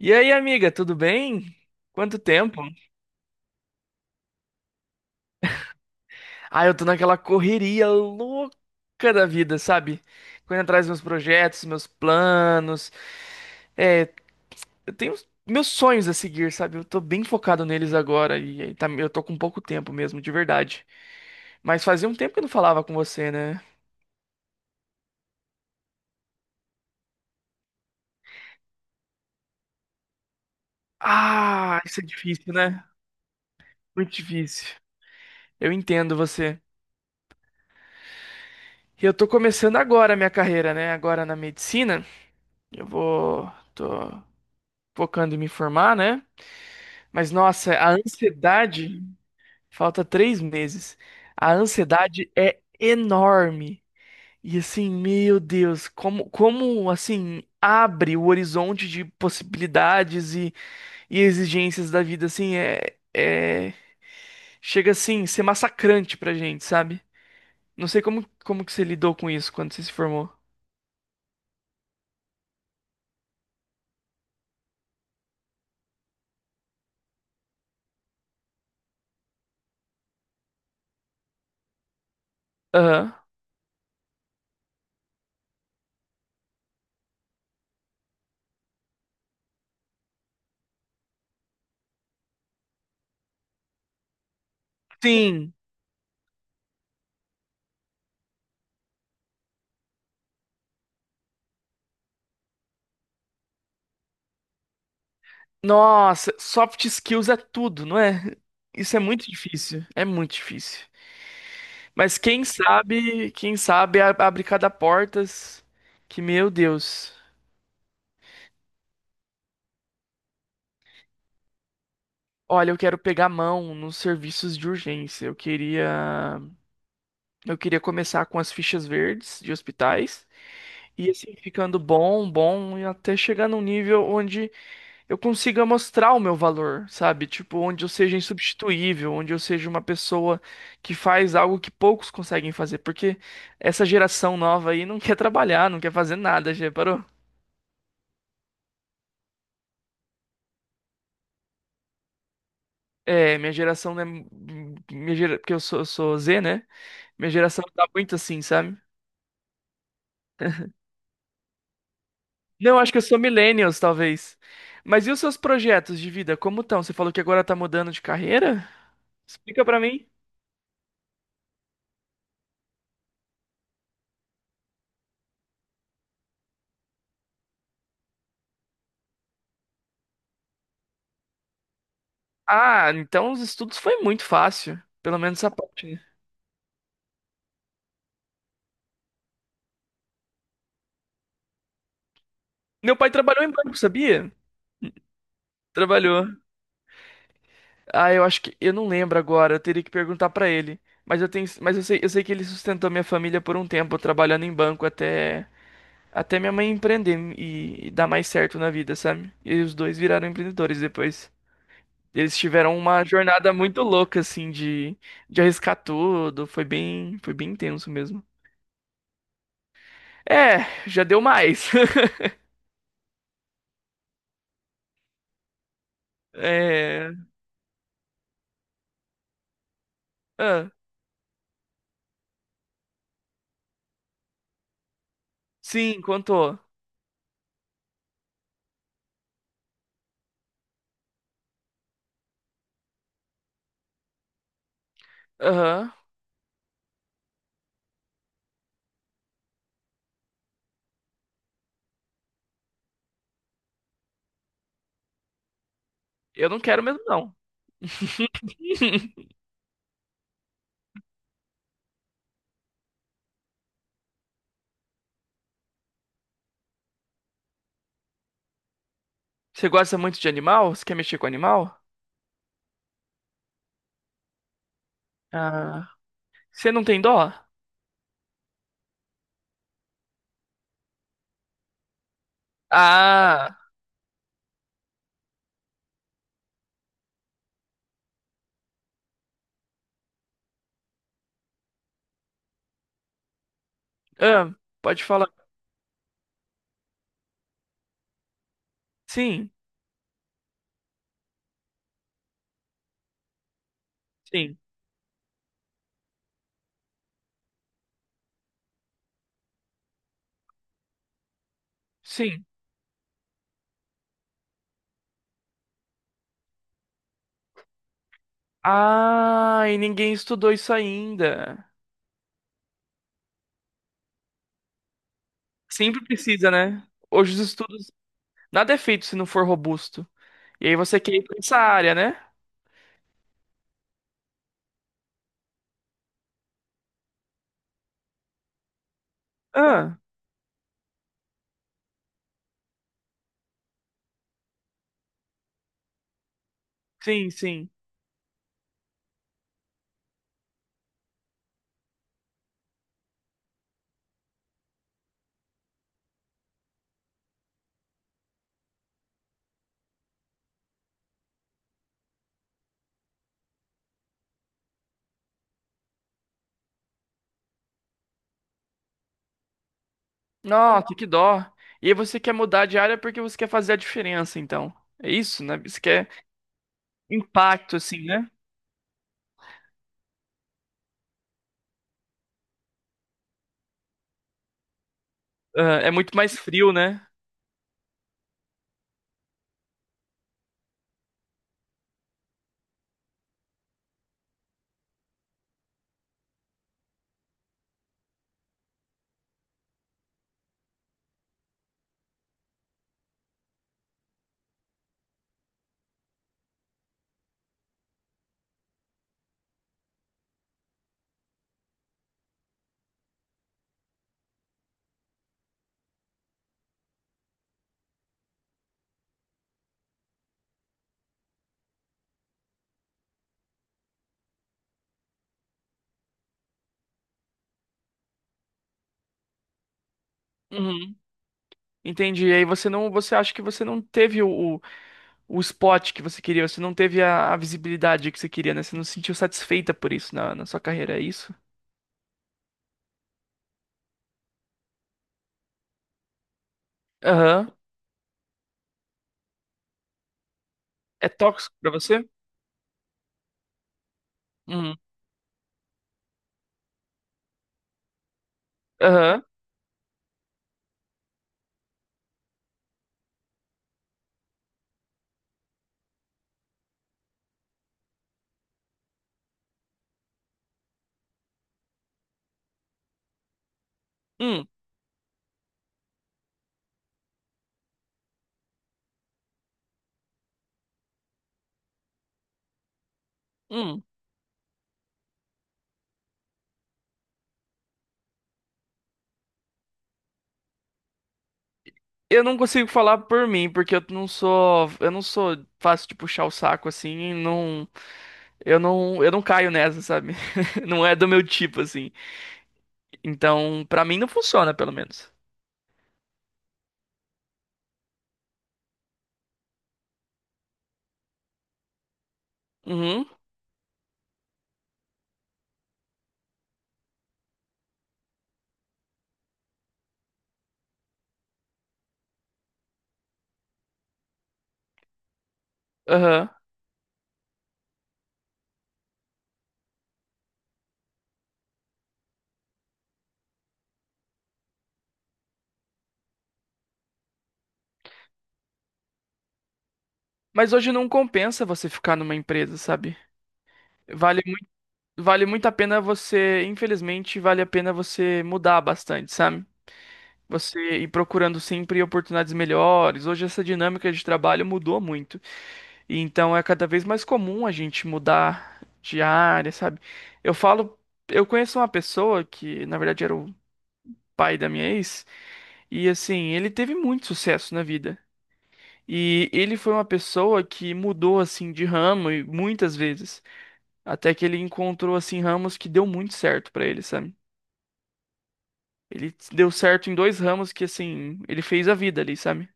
E aí, amiga, tudo bem? Quanto tempo? Ah, eu tô naquela correria louca da vida, sabe? Correndo atrás dos meus projetos, meus planos. É, eu tenho meus sonhos a seguir, sabe? Eu tô bem focado neles agora e aí eu tô com pouco tempo mesmo, de verdade. Mas fazia um tempo que eu não falava com você, né? Ah, isso é difícil, né? Muito difícil. Eu entendo você. E eu tô começando agora a minha carreira, né? Agora na medicina. Eu vou. Tô focando em me formar, né? Mas nossa, a ansiedade, falta 3 meses. A ansiedade é enorme. E assim, meu Deus, como assim abre o horizonte de possibilidades e exigências da vida, assim, chega assim, a ser massacrante pra gente, sabe? Não sei como que você lidou com isso quando você se formou. Aham. Sim. Nossa, soft skills é tudo, não é? Isso é muito difícil, é muito difícil. Mas quem sabe abre cada portas que, meu Deus. Olha, eu quero pegar mão nos serviços de urgência. Eu queria começar com as fichas verdes de hospitais e assim ficando bom, bom e até chegar num nível onde eu consiga mostrar o meu valor, sabe? Tipo, onde eu seja insubstituível, onde eu seja uma pessoa que faz algo que poucos conseguem fazer, porque essa geração nova aí não quer trabalhar, não quer fazer nada, já reparou? É, minha geração, né? Minha gera... Porque eu sou Z, né? Minha geração tá muito assim, sabe? Não, acho que eu sou millennials, talvez. Mas e os seus projetos de vida, como estão? Você falou que agora tá mudando de carreira? Explica pra mim. Ah, então os estudos foi muito fácil. Pelo menos essa parte, né? Meu pai trabalhou em banco, sabia? Trabalhou. Ah, eu acho que. Eu não lembro agora, eu teria que perguntar pra ele. Mas eu tenho. Mas eu sei que ele sustentou minha família por um tempo, trabalhando em banco até. Até minha mãe empreender e dar mais certo na vida, sabe? E os dois viraram empreendedores depois. Eles tiveram uma jornada muito louca, assim, de arriscar tudo. Foi bem intenso mesmo. É, já deu mais. É. Ah, sim, contou. Aham. Eu não quero mesmo, não. Você gosta muito de animal? Você quer mexer com animal? Ah. Você não tem dó? Ah. Ah, pode falar. Sim, sim, sim. Ah, e ninguém estudou isso ainda. Sempre precisa, né? Hoje os estudos. Nada é feito se não for robusto. E aí você quer ir pra essa área, né? Ah, sim, sim. Nossa, que dó. E aí você quer mudar de área porque você quer fazer a diferença, então. É isso, né? Você quer impacto, assim, né? Ah, é muito mais frio, né? Uhum. Entendi. E aí você não, você acha que você não teve o spot que você queria, você não teve a visibilidade que você queria, né? Você não se sentiu satisfeita por isso na sua carreira, é isso? Aham. É tóxico pra você? Uhum. Aham. Hum, hum. Eu não consigo falar por mim, porque eu não sou fácil de puxar o saco assim, não, eu não caio nessa, sabe? Não é do meu tipo assim. Então, pra mim não funciona, pelo menos. Uhum. Aham. Mas hoje não compensa você ficar numa empresa, sabe? Vale, mui- vale muito a pena você, infelizmente, vale a pena você mudar bastante, sabe? Você ir procurando sempre oportunidades melhores. Hoje essa dinâmica de trabalho mudou muito. E então é cada vez mais comum a gente mudar de área, sabe? Eu falo, eu conheço uma pessoa que, na verdade, era o pai da minha ex, e assim, ele teve muito sucesso na vida. E ele foi uma pessoa que mudou assim de ramo e muitas vezes. Até que ele encontrou, assim, ramos que deu muito certo pra ele, sabe? Ele deu certo em dois ramos que, assim, ele fez a vida ali, sabe?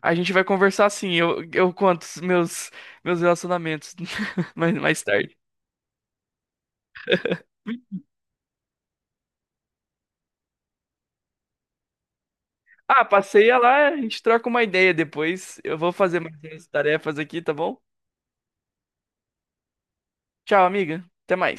A gente vai conversar assim, eu conto meus relacionamentos mais tarde. Ah, passeia lá, a gente troca uma ideia depois. Eu vou fazer mais as tarefas aqui, tá bom? Tchau, amiga. Até mais.